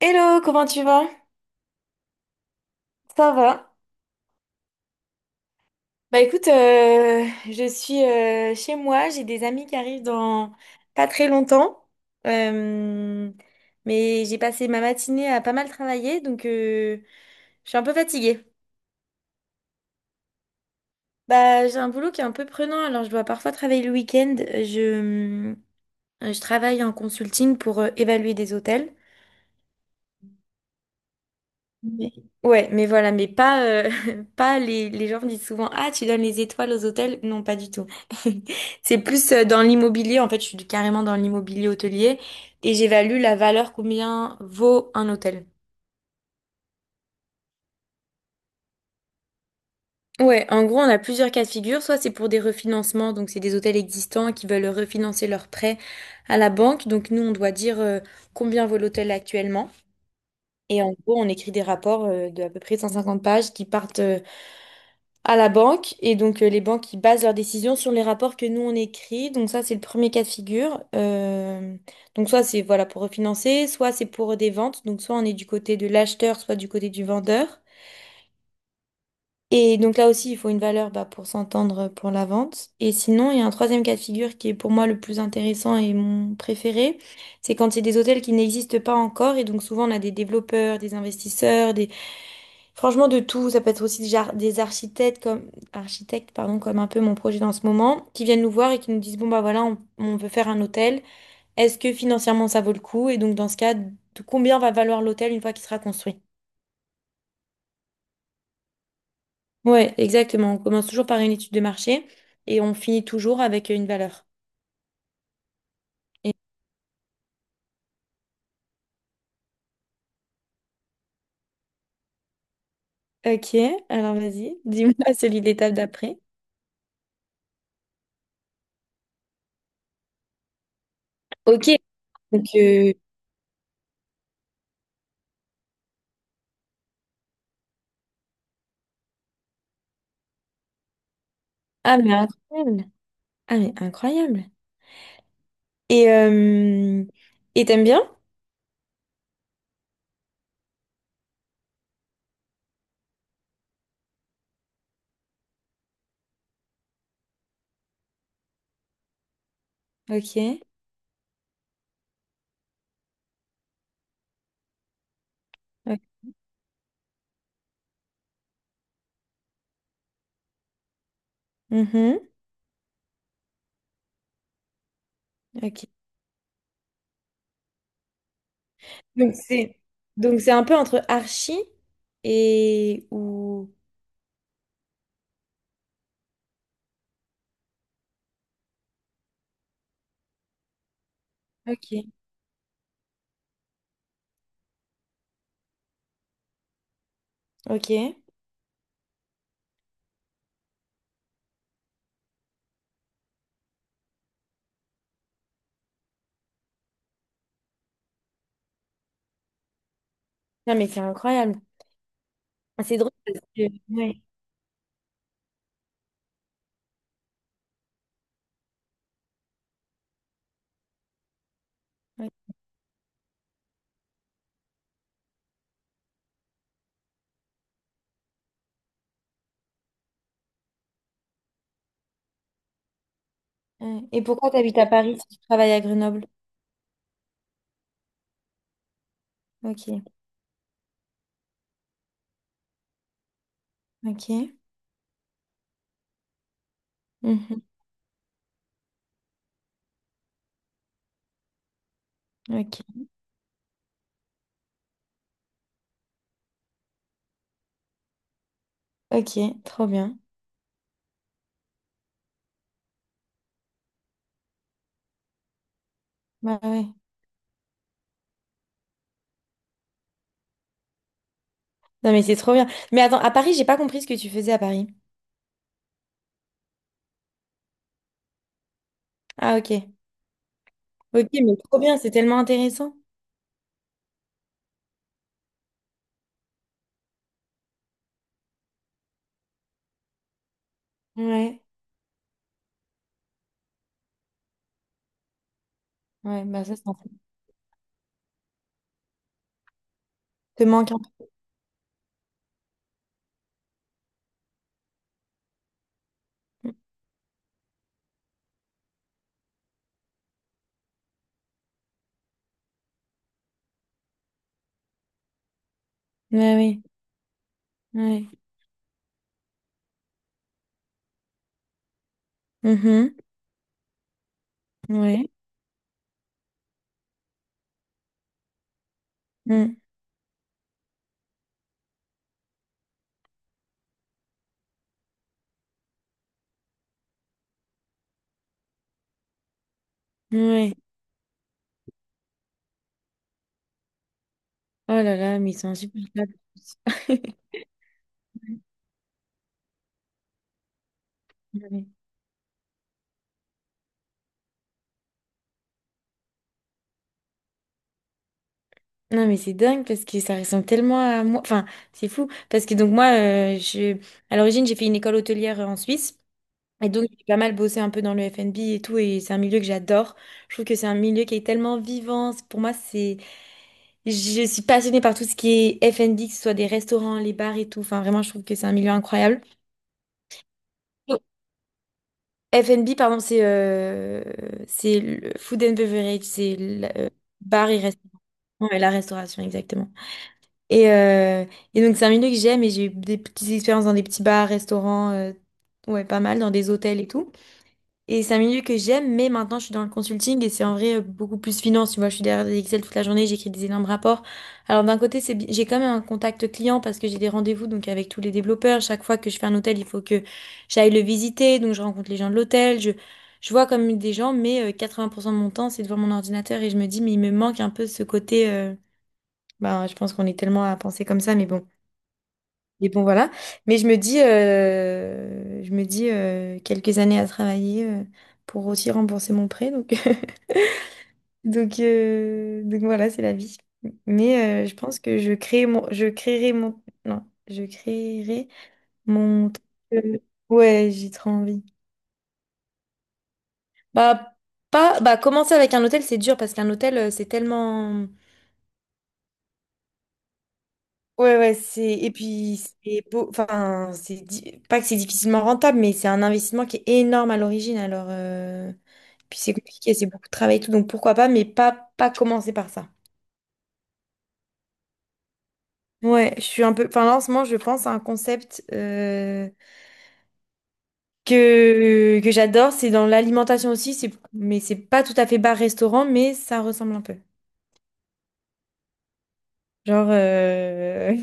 Hello, comment tu vas? Ça va? Bah écoute, je suis chez moi, j'ai des amis qui arrivent dans pas très longtemps. Euh, mais j'ai passé ma matinée à pas mal travailler, donc je suis un peu fatiguée. Bah j'ai un boulot qui est un peu prenant, alors je dois parfois travailler le week-end. Je travaille en consulting pour évaluer des hôtels. Mais- Ouais, mais voilà, mais pas, pas les, les gens me disent souvent, ah, tu donnes les étoiles aux hôtels. Non, pas du tout. C'est plus dans l'immobilier. En fait, je suis carrément dans l'immobilier hôtelier et j'évalue la valeur combien vaut un hôtel. Ouais, en gros, on a plusieurs cas de figure. Soit c'est pour des refinancements, donc c'est des hôtels existants qui veulent refinancer leurs prêts à la banque. Donc nous, on doit dire combien vaut l'hôtel actuellement. Et en gros, on écrit des rapports de à peu près 150 pages qui partent à la banque. Et donc, les banques, ils basent leurs décisions sur les rapports que nous, on écrit. Donc, ça, c'est le premier cas de figure. Donc, soit c'est voilà, pour refinancer, soit c'est pour des ventes. Donc, soit on est du côté de l'acheteur, soit du côté du vendeur. Et donc, là aussi, il faut une valeur bah, pour s'entendre pour la vente. Et sinon, il y a un troisième cas de figure qui est pour moi le plus intéressant et mon préféré. C'est quand c'est des hôtels qui n'existent pas encore. Et donc, souvent, on a des développeurs, des investisseurs, des franchement, de tout, ça peut être aussi des architectes comme architectes, pardon, comme un peu mon projet dans ce moment, qui viennent nous voir et qui nous disent, bon bah voilà, on veut faire un hôtel. Est-ce que financièrement ça vaut le coup? Et donc dans ce cas, de combien va valoir l'hôtel une fois qu'il sera construit? Ouais, exactement. On commence toujours par une étude de marché et on finit toujours avec une valeur. Et- Ok, alors vas-y, dis-moi celui de l'étape d'après. Ok, donc ah mais incroyable. Ah mais incroyable. Et euh, et t'aimes bien? Ok. Ok. Mhm. Ok. Donc c'est donc c'est un peu entre archi et ou ok. Ok. Non mais c'est incroyable. C'est drôle parce que ouais. Ok. Et pourquoi tu habites à Paris si tu travailles à Grenoble? Ok. Ok. Mhm. Ok. Ok. Trop bien. Bah ouais. Non mais c'est trop bien. Mais attends, à Paris, j'ai pas compris ce que tu faisais à Paris. Ah ok. Ok, mais trop bien, c'est tellement intéressant. Ouais. Ouais. Bah ça, ça te manque un peu. Ouais, oui. Ouais. Mhm. Ouais. Mm. Ouais. Oh là là, mais ils sont insupportables. Ouais. Non, mais c'est dingue parce que ça ressemble tellement à moi. Enfin, c'est fou. Parce que donc, moi, je... à l'origine, j'ai fait une école hôtelière en Suisse. Et donc, j'ai pas mal bossé un peu dans le F&B et tout. Et c'est un milieu que j'adore. Je trouve que c'est un milieu qui est tellement vivant. Pour moi, c'est. Je suis passionnée par tout ce qui est F&B, que ce soit des restaurants, les bars et tout. Enfin, vraiment, je trouve que c'est un milieu incroyable. F&B, pardon, c'est le food and beverage, c'est le bar et restaurant. Ouais, la restauration, exactement. Et, euh, et donc, c'est un milieu que j'aime et j'ai eu des petites expériences dans des petits bars, restaurants, ouais, pas mal, dans des hôtels et tout. Et c'est un milieu que j'aime, mais maintenant je suis dans le consulting et c'est en vrai beaucoup plus finance. Tu vois, je suis derrière des Excel toute la journée, j'écris des énormes rapports. Alors d'un côté, j'ai quand même un contact client parce que j'ai des rendez-vous donc avec tous les développeurs. Chaque fois que je fais un hôtel, il faut que j'aille le visiter, donc je rencontre les gens de l'hôtel, je vois comme des gens, mais 80% de mon temps c'est devant mon ordinateur et je me dis mais il me manque un peu ce côté. Ben, je pense qu'on est tellement à penser comme ça, mais bon. Mais bon, voilà. Mais je me dis quelques années à travailler pour aussi rembourser mon prêt. Donc, donc voilà, c'est la vie. Mais je pense que je créerai mon, non, je créerai mon. Euh, ouais, j'ai trop envie. Bah, pas, bah, commencer avec un hôtel, c'est dur parce qu'un hôtel, c'est tellement. Et puis, c'est beau, enfin, c'est, di- pas que c'est difficilement rentable, mais c'est un investissement qui est énorme à l'origine, alors, puis c'est compliqué, c'est beaucoup de travail et tout, donc pourquoi pas, pas commencer par ça. Ouais, je suis un peu, enfin, là, en ce moment, je pense à un concept, que j'adore, c'est dans l'alimentation aussi, mais c'est pas tout à fait bar-restaurant, mais ça ressemble un peu. Genre,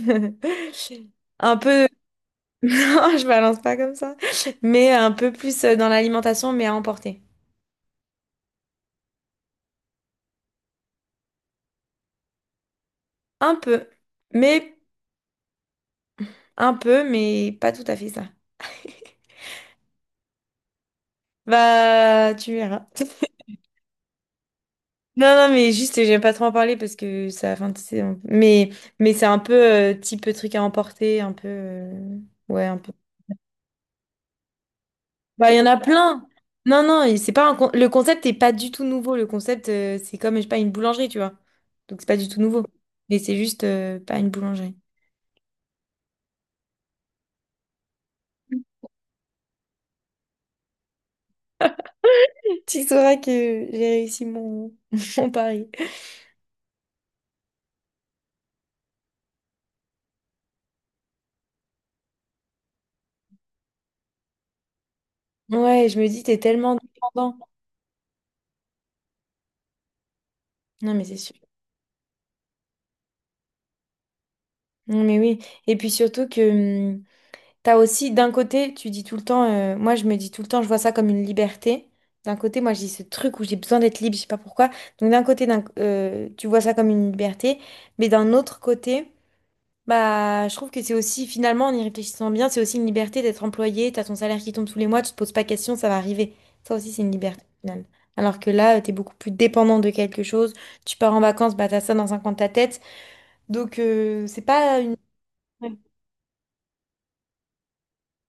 un peu non, je balance pas comme ça. Mais un peu plus dans l'alimentation, mais à emporter. Un peu. Mais un peu, mais pas tout à fait ça. Bah, tu verras. Non, non, mais juste, j'aime pas trop en parler parce que ça, enfin, tu sais, mais c'est un peu type truc à emporter, un peu, ouais, un peu. Bah, il y en a plein. Non, non, et c'est pas un con- le concept est pas du tout nouveau. Le concept, c'est comme, je sais pas, une boulangerie, tu vois. Donc c'est pas du tout nouveau. Mais c'est juste pas une boulangerie. Tu sauras que j'ai réussi mon, mon pari. Ouais, je me dis, t'es tellement dépendant. Non, mais c'est sûr. Non, mais oui. Et puis surtout que t'as aussi, d'un côté, tu dis tout le temps, moi je me dis tout le temps, je vois ça comme une liberté. D'un côté, moi je dis ce truc où j'ai besoin d'être libre, je sais pas pourquoi. Donc d'un côté, tu vois ça comme une liberté. Mais d'un autre côté, bah, je trouve que c'est aussi, finalement, en y réfléchissant bien, c'est aussi une liberté d'être employé, t'as ton salaire qui tombe tous les mois, tu te poses pas question, ça va arriver. Ça aussi, c'est une liberté, au final. Alors que là, t'es beaucoup plus dépendant de quelque chose, tu pars en vacances, bah t'as ça dans un coin de ta tête. Donc, c'est pas une...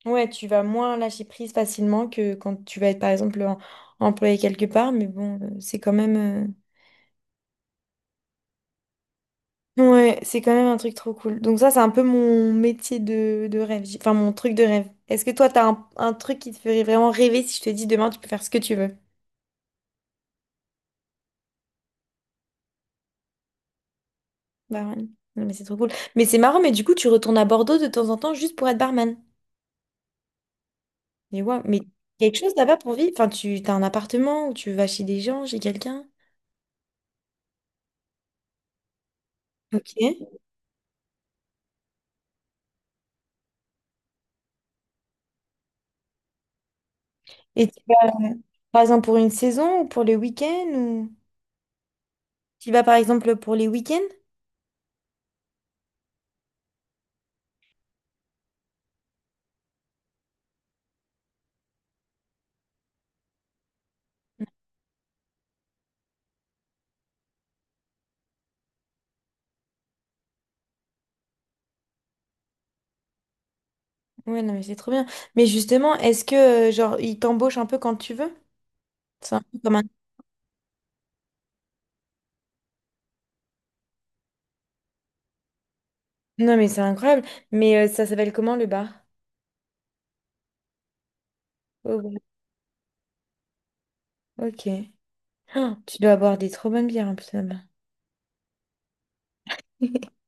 Ouais, tu vas moins lâcher prise facilement que quand tu vas être, par exemple, employé quelque part, mais bon, c'est quand même... Ouais, c'est quand même un truc trop cool. Donc ça, c'est un peu mon métier de rêve, enfin mon truc de rêve. Est-ce que toi, un truc qui te ferait vraiment rêver si je te dis demain, tu peux faire ce que tu veux? Barman. Non, mais c'est trop cool. Mais c'est marrant, mais du coup, tu retournes à Bordeaux de temps en temps juste pour être barman. Mais ouais, mais quelque chose là-bas pour vivre. Enfin, tu t'as un appartement où tu vas chez des gens, chez quelqu'un. Ok. Et tu vas, par exemple, pour une saison ou pour les week-ends ou... Tu vas, par exemple, pour les week-ends? Ouais, non, mais c'est trop bien. Mais justement, est-ce que, genre, ils t'embauchent un peu quand tu veux? C'est un peu comme un- Non, mais c'est incroyable. Mais ça s'appelle comment le bar? Oh, bon, ok. Ah, tu dois boire des trop bonnes bières en plus là-bas.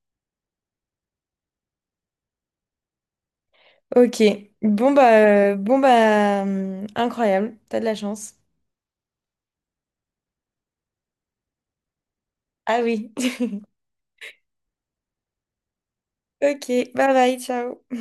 Ok. Bon, bah, incroyable. T'as de la chance. Ah oui. Ok. Bye bye. Ciao.